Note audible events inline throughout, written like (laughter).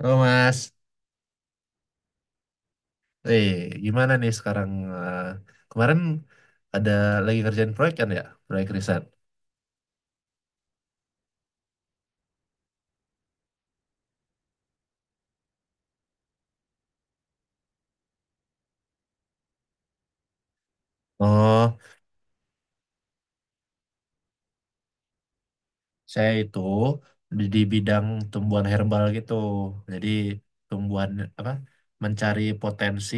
Oh Mas, eh gimana nih sekarang? eh, Kemarin ada lagi kerjaan proyek kan ya, proyek riset. Oh, saya itu di bidang tumbuhan herbal gitu. Jadi tumbuhan apa? Mencari potensi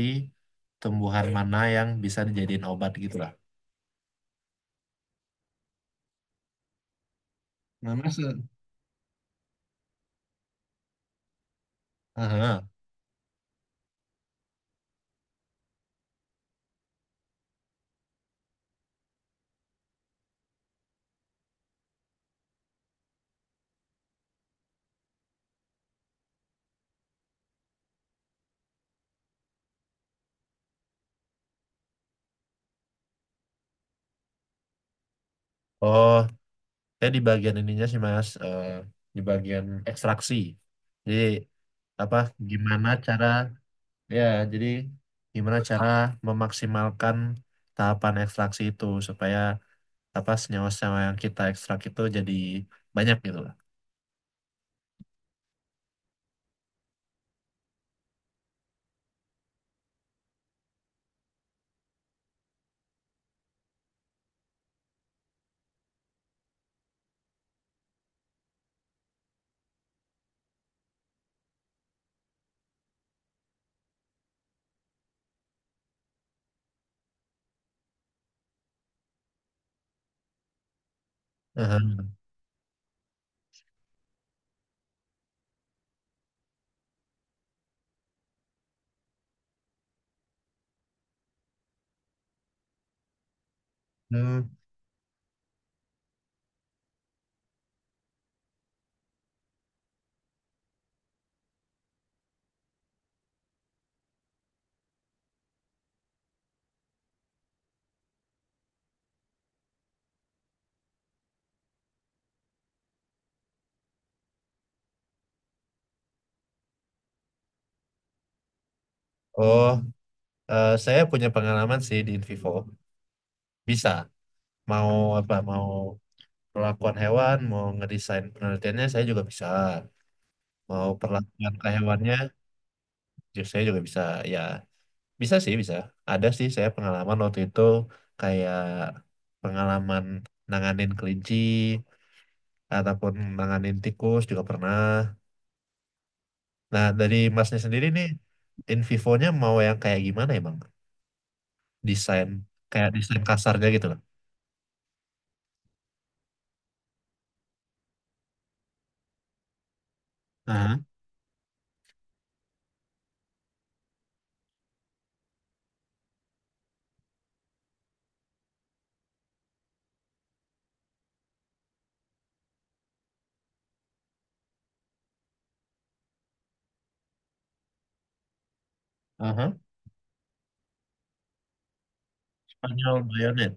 tumbuhan mana yang bisa dijadiin obat gitu lah. Nah, Mas, aha. Oh, saya di bagian ininya sih Mas, di bagian ekstraksi. Jadi apa? Gimana cara? Ya, jadi gimana cara memaksimalkan tahapan ekstraksi itu supaya apa senyawa-senyawa yang kita ekstrak itu jadi banyak gitu lah. Aha. Hmm. Oh, saya punya pengalaman sih di Invivo. Bisa. Mau apa? Mau perlakuan hewan, mau ngedesain penelitiannya saya juga bisa. Mau perlakuan ke hewannya, saya juga bisa. Ya, bisa sih bisa. Ada sih saya pengalaman waktu itu kayak pengalaman nanganin kelinci ataupun nanganin tikus juga pernah. Nah, dari masnya sendiri nih, in vivo-nya mau yang kayak gimana ya, Bang? Desain, kayak desain kasarnya gitu loh. Aha, aha. Spanyol bayonet.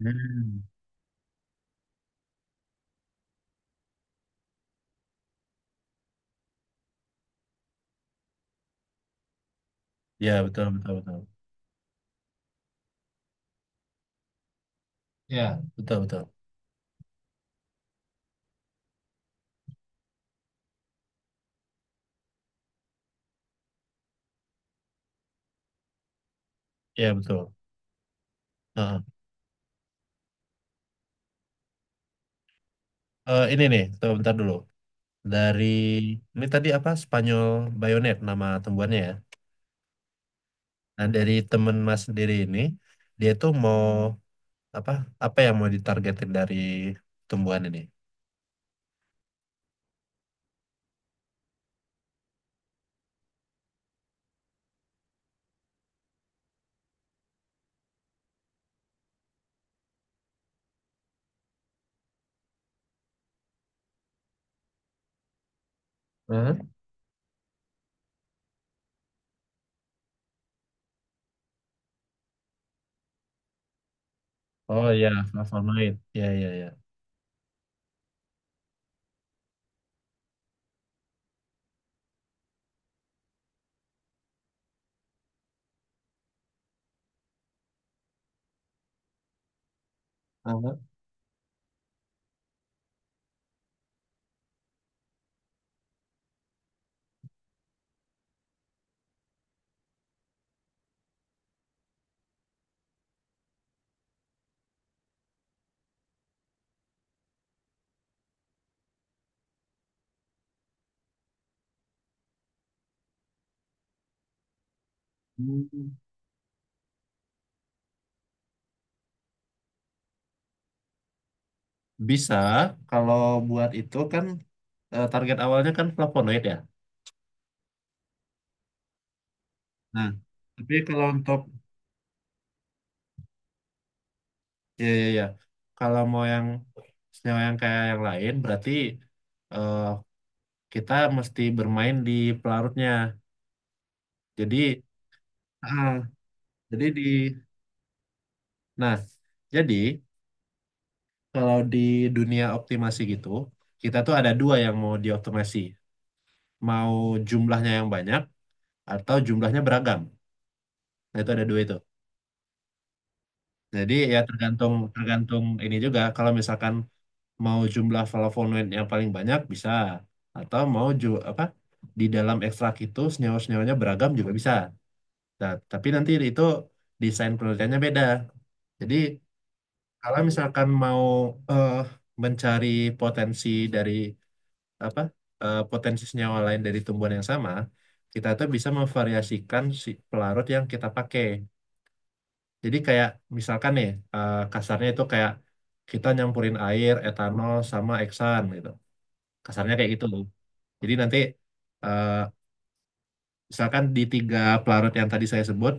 Hmm. Ya, betul, betul, betul. Ya, betul, betul. Ya, betul. Aha. Ini nih, tuh, bentar dulu. Dari, ini tadi apa, Spanyol bayonet nama tumbuhannya ya. Nah, dari temen mas sendiri ini, dia tuh mau, apa, apa yang mau ditargetin dari tumbuhan ini? Aha. Oh ya, flavanoid. Ya ya ya. Uh, hmm. Bisa, kalau buat itu kan target awalnya kan flavonoid ya. Nah, tapi kalau untuk ya ya ya, kalau mau yang senyawa yang kayak yang lain berarti eh, kita mesti bermain di pelarutnya. Jadi, ah, jadi di nah, jadi kalau di dunia optimasi gitu, kita tuh ada dua yang mau dioptimasi. Mau jumlahnya yang banyak atau jumlahnya beragam. Nah, itu ada dua itu. Jadi ya tergantung tergantung ini juga kalau misalkan mau jumlah flavonoid yang paling banyak bisa atau mau ju apa di dalam ekstrak itu senyawa-senyawanya beragam juga bisa. Nah, tapi nanti itu desain penelitiannya beda. Jadi kalau misalkan mau eh, mencari potensi dari apa potensi senyawa lain dari tumbuhan yang sama, kita tuh bisa memvariasikan si pelarut yang kita pakai. Jadi kayak misalkan nih kasarnya itu kayak kita nyampurin air etanol sama eksan gitu. Kasarnya kayak gitu. Jadi nanti eh, misalkan di tiga pelarut yang tadi saya sebut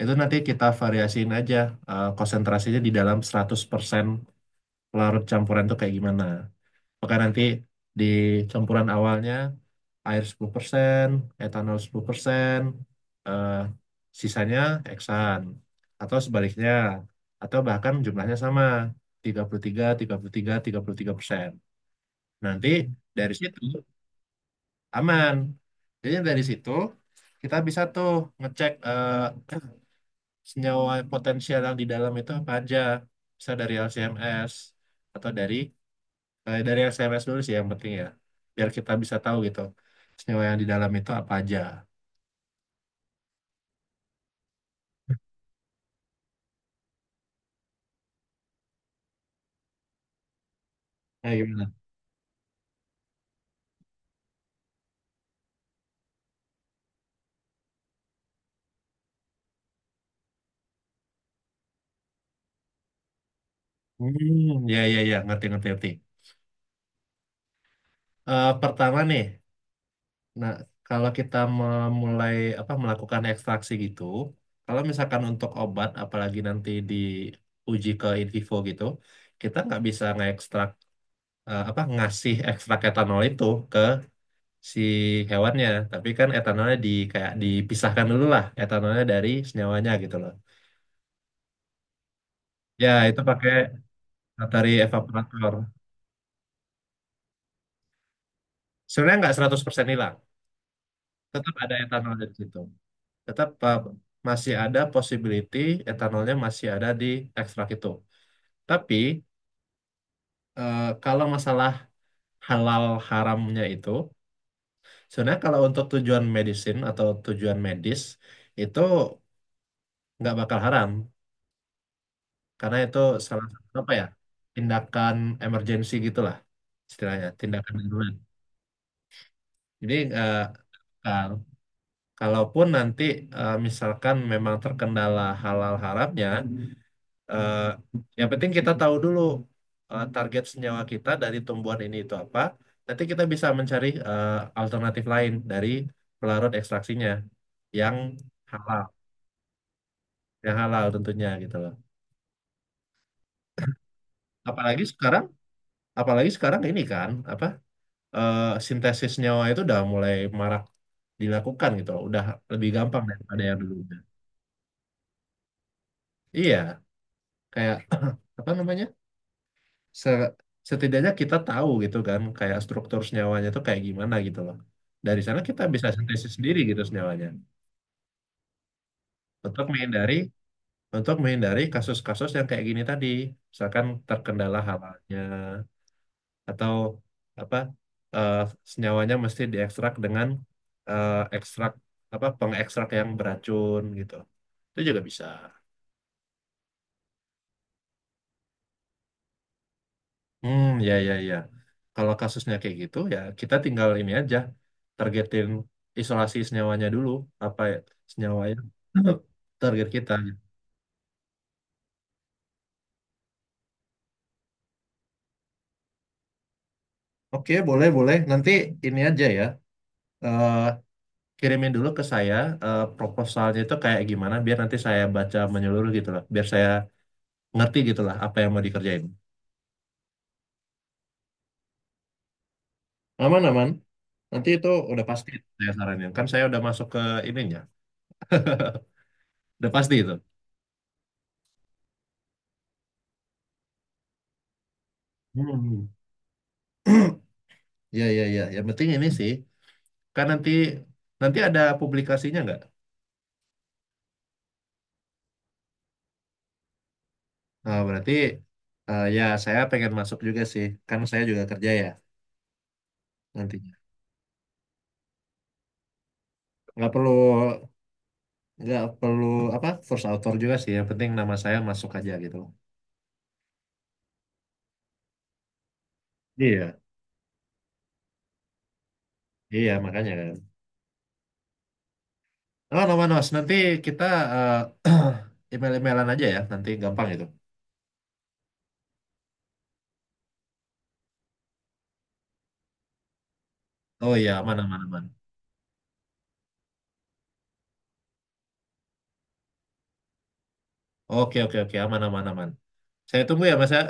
itu nanti kita variasiin aja konsentrasinya di dalam 100% pelarut campuran itu kayak gimana. Maka nanti di campuran awalnya air 10%, etanol 10%, eh, sisanya heksan. Atau sebaliknya. Atau bahkan jumlahnya sama, 33, 33, 33%. Nanti dari situ aman. Jadi dari situ kita bisa tuh ngecek (clears throat) senyawa potensial yang di dalam itu apa aja. Bisa dari LCMS atau dari eh, dari SMS dulu sih yang penting ya, biar kita bisa tahu gitu senyawa yang di dalam itu apa aja. Ya gimana. Hmm, ya ya ya, ngerti ngerti ngerti. Pertama nih, nah, kalau kita memulai apa melakukan ekstraksi gitu, kalau misalkan untuk obat apalagi nanti diuji ke in vivo gitu, kita nggak bisa ngekstrak apa ngasih ekstrak etanol itu ke si hewannya, tapi kan etanolnya di kayak dipisahkan dulu lah etanolnya dari senyawanya gitu loh. Ya, itu pakai matahari evaporator. Sebenarnya nggak 100% hilang. Tetap ada etanol di situ. Tetap masih ada possibility etanolnya masih ada di ekstrak itu. Tapi kalau masalah halal haramnya itu, sebenarnya kalau untuk tujuan medisin atau tujuan medis itu nggak bakal haram karena itu salah satu apa ya tindakan emergency gitulah, istilahnya tindakan darurat. Jadi uh, kalaupun nanti misalkan memang terkendala halal haramnya, eh, yang penting kita tahu dulu target senyawa kita dari tumbuhan ini itu apa. Nanti kita bisa mencari alternatif lain dari pelarut ekstraksinya yang halal, yang halal tentunya gitu loh. Apalagi sekarang, apalagi sekarang ini kan apa eh, sintesis senyawa itu udah mulai marak dilakukan gitu loh. Udah lebih gampang daripada yang dulunya. Iya, kayak (clears throat) apa namanya? se- Setidaknya kita tahu gitu kan kayak struktur senyawanya itu kayak gimana gitu loh. Dari sana kita bisa sintesis sendiri gitu senyawanya untuk menghindari untuk menghindari kasus-kasus yang kayak gini tadi, misalkan terkendala halalnya atau apa eh, senyawanya mesti diekstrak dengan ekstrak apa pengekstrak yang beracun gitu. Itu juga bisa. Hmm, ya, ya, ya. Kalau kasusnya kayak gitu, ya kita tinggal ini aja, targetin isolasi senyawanya dulu, apa ya, senyawa yang (clears throat) target kita. Oke, boleh, boleh. Nanti ini aja ya, eh, kirimin dulu ke saya proposalnya itu kayak gimana, biar nanti saya baca menyeluruh gitu lah, biar saya ngerti gitu lah apa yang mau dikerjain. Aman, aman. Nanti itu udah pasti saya saranin. Kan saya udah masuk ke ininya, udah pasti itu. Hmm. (clears throat) Ya, ya, ya. Yang penting ini sih. Kan nanti nanti ada publikasinya nggak? Nah, berarti ya saya pengen masuk juga sih, kan saya juga kerja ya nantinya. Nggak perlu nggak perlu apa first author juga sih, yang penting nama saya masuk aja gitu. Iya, iya makanya kan. Oh, no, Manos, nanti kita (clears throat) email-emailan aja ya, nanti gampang itu. Oh iya, aman, aman, aman. Oke, oke, oke, aman, aman, aman. Saya tunggu ya, Mas ya.